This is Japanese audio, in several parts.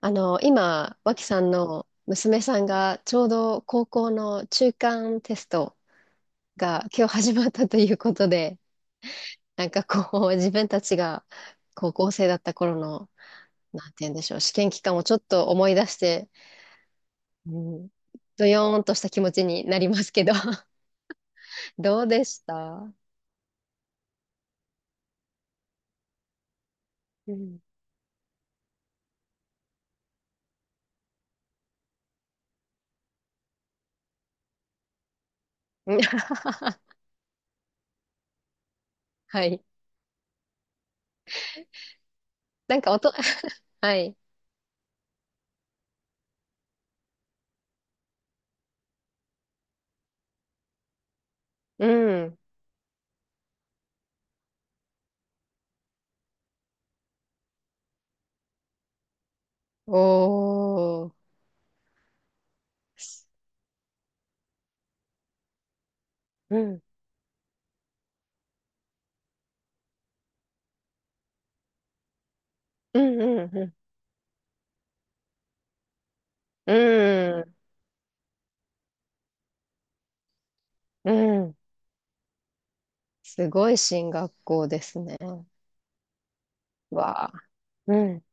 今、脇さんの娘さんがちょうど高校の中間テストが今日始まったということで、なんかこう、自分たちが高校生だった頃の、なんて言うんでしょう、試験期間をちょっと思い出して、うん、どよーんとした気持ちになりますけど、どうでした。うん。はい。なんか音、はい。うん。おー。うん。うんうんうん。うん。うん。すごい進学校ですね。わあ。うん。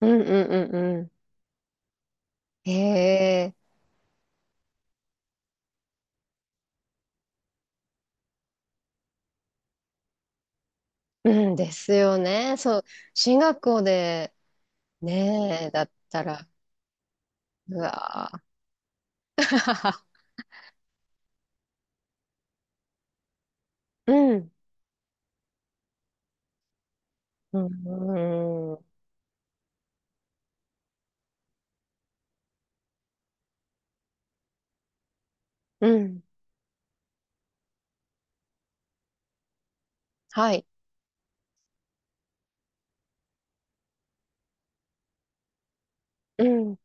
うんうんうんうん。へえ。うんですよね。そう。進学校で、ねえ、だったら、うわあ。うん、うん、うんうん、はい。うん。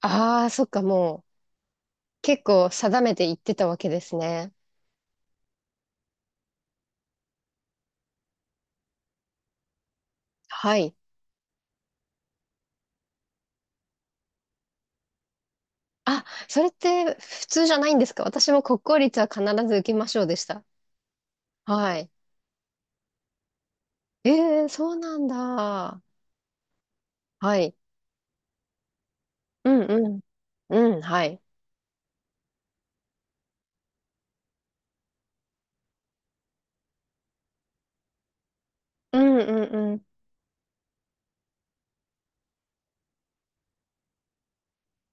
ああ、そっか、もう、結構定めて言ってたわけですね。はい。あ、それって普通じゃないんですか。私も国公立は必ず受けましょうでした。はい。ええ、そうなんだ。はい。うんうん。うん、はい。うんうん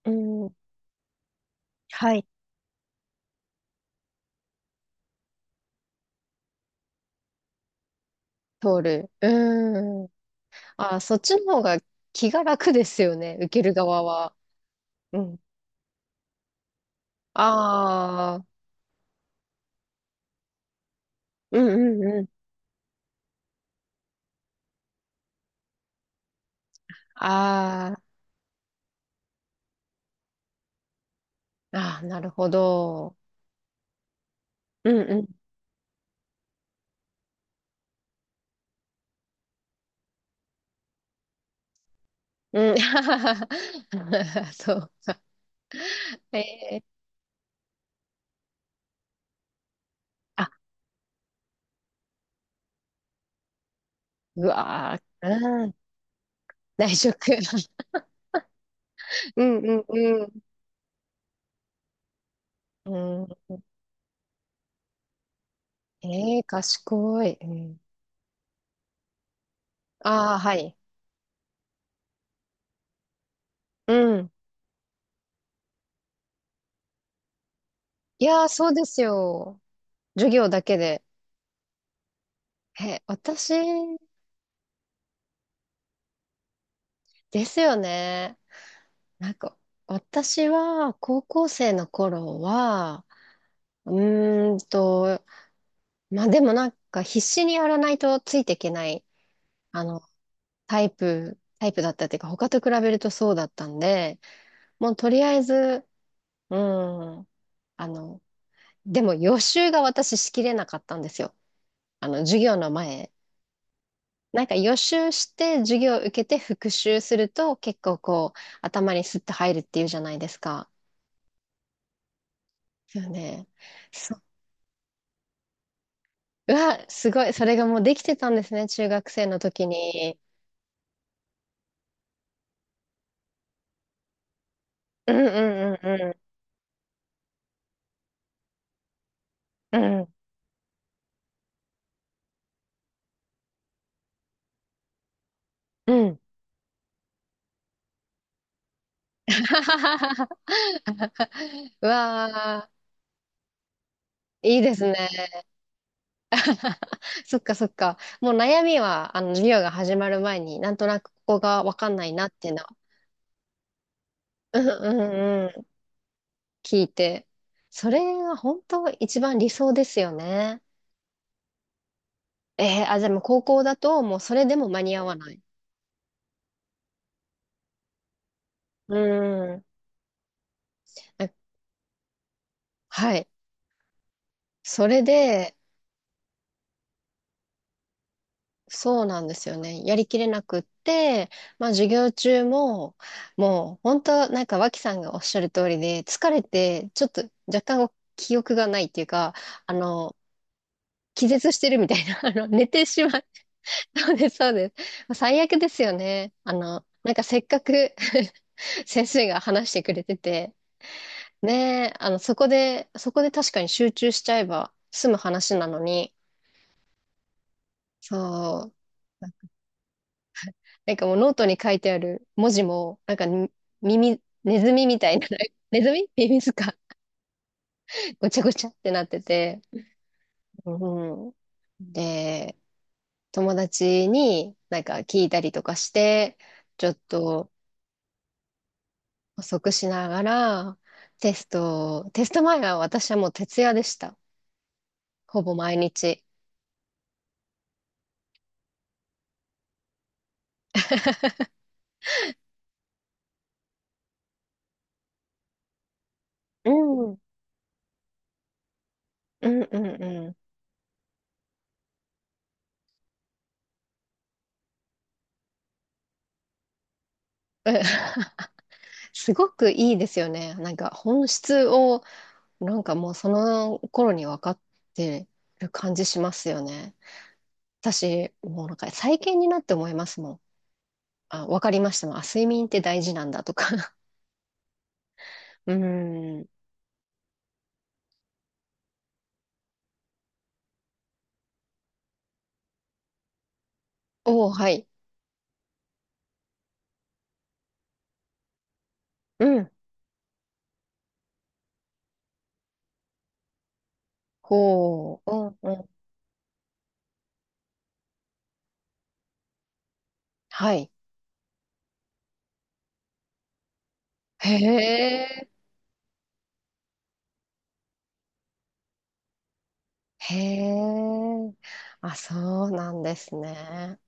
うん。うん。はい。通る。うん。あ、そっちの方が気が楽ですよね。受ける側は。うん。ああ、うんうんうん。ああ、ああ、なるほど。うんうん。うん。そうか。ええ、あ、うわー、うん。内職。うんうんうん。うん、ええ賢い。うん、ああ、はい。うん。いやー、そうですよ。授業だけで。え、私ですよね。なんか、私は高校生の頃は、うーんと、まあでもなんか必死にやらないとついていけない、あの、タイプだったっていうか、他と比べるとそうだったんで、もうとりあえず、うん、あの、でも予習が私しきれなかったんですよ。あの、授業の前。なんか予習して授業を受けて復習すると結構こう頭にスッと入るっていうじゃないですか。ですよね。そう。うわ、すごい。それがもうできてたんですね。中学生の時に。うんうんうんうん。うん。うん。うわー、いいですね。そっかそっか。もう悩みは、あの、授業が始まる前になんとなくここがわかんないなっていうのは。うんうんうん。聞いて。それが本当一番理想ですよね。えー、あ、でも高校だともうそれでも間に合わない。うん。あ、はい。それで、そうなんですよね。やりきれなくって、まあ授業中も、もう本当なんか脇さんがおっしゃる通りで、疲れて、ちょっと若干記憶がないっていうか、あの、気絶してるみたいな、あの、寝てしまう、そうです、そうです。最悪ですよね。あの、なんかせっかく 先生が話してくれてて、ねえ、あの、そこで、そこで確かに集中しちゃえば済む話なのに、そう、なんかもうノートに書いてある文字も、なんかに耳、ネズミみたいな、ネズミミミズか、ごちゃごちゃってなってて、うん。で、友達になんか聞いたりとかして、ちょっと、補足しながら、テスト前は私はもう徹夜でした。ほぼ毎日。うん。うんうんうん。うん。 すごくいいですよね。なんか本質を、なんかもうその頃に分かってる感じしますよね。私、もうなんか最近になって思いますもん。あ、分かりましたもん。あ、睡眠って大事なんだとか。うん。おー、はい。うん。ほう。うんうん。はい。へえ。へえ。あ、そうなんですね。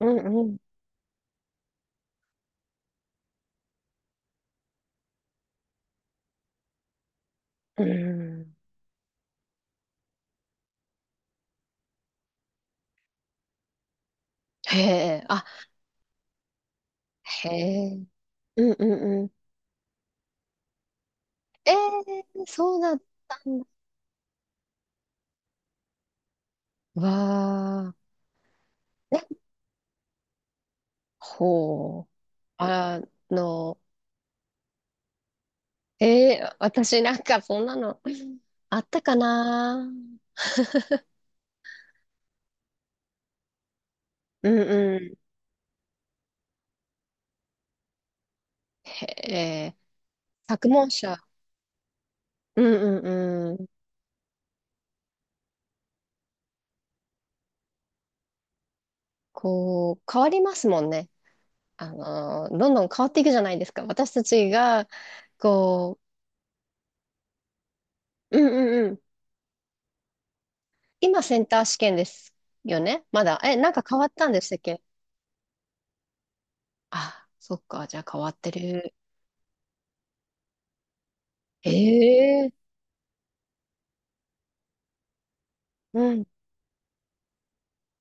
うんうん。うん。へえ。あ、へえ。うんうんうん。ええ、そうだったんだ。わあ。え、ほう。あの、えー、私なんかそんなのあったかな。うんうん。へえ。作文者。うんうんうん。こう、変わりますもんね。あの、どんどん変わっていくじゃないですか。私たちが、こう、うんうんうん。今、センター試験ですよね、まだ。え、なんか変わったんでしたっけ。あ、そっか。じゃあ変わってる。ええ、うん。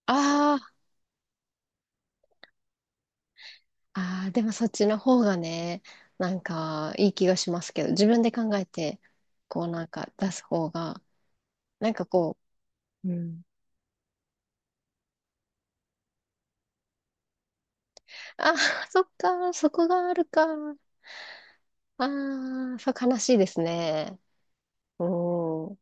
あー、あー、でもそっちの方がね、なんかいい気がしますけど、自分で考えて、こうなんか出す方が、なんかこう、うん。あー、そっか、そこがあるか。ああ、そう悲しいですね。うん。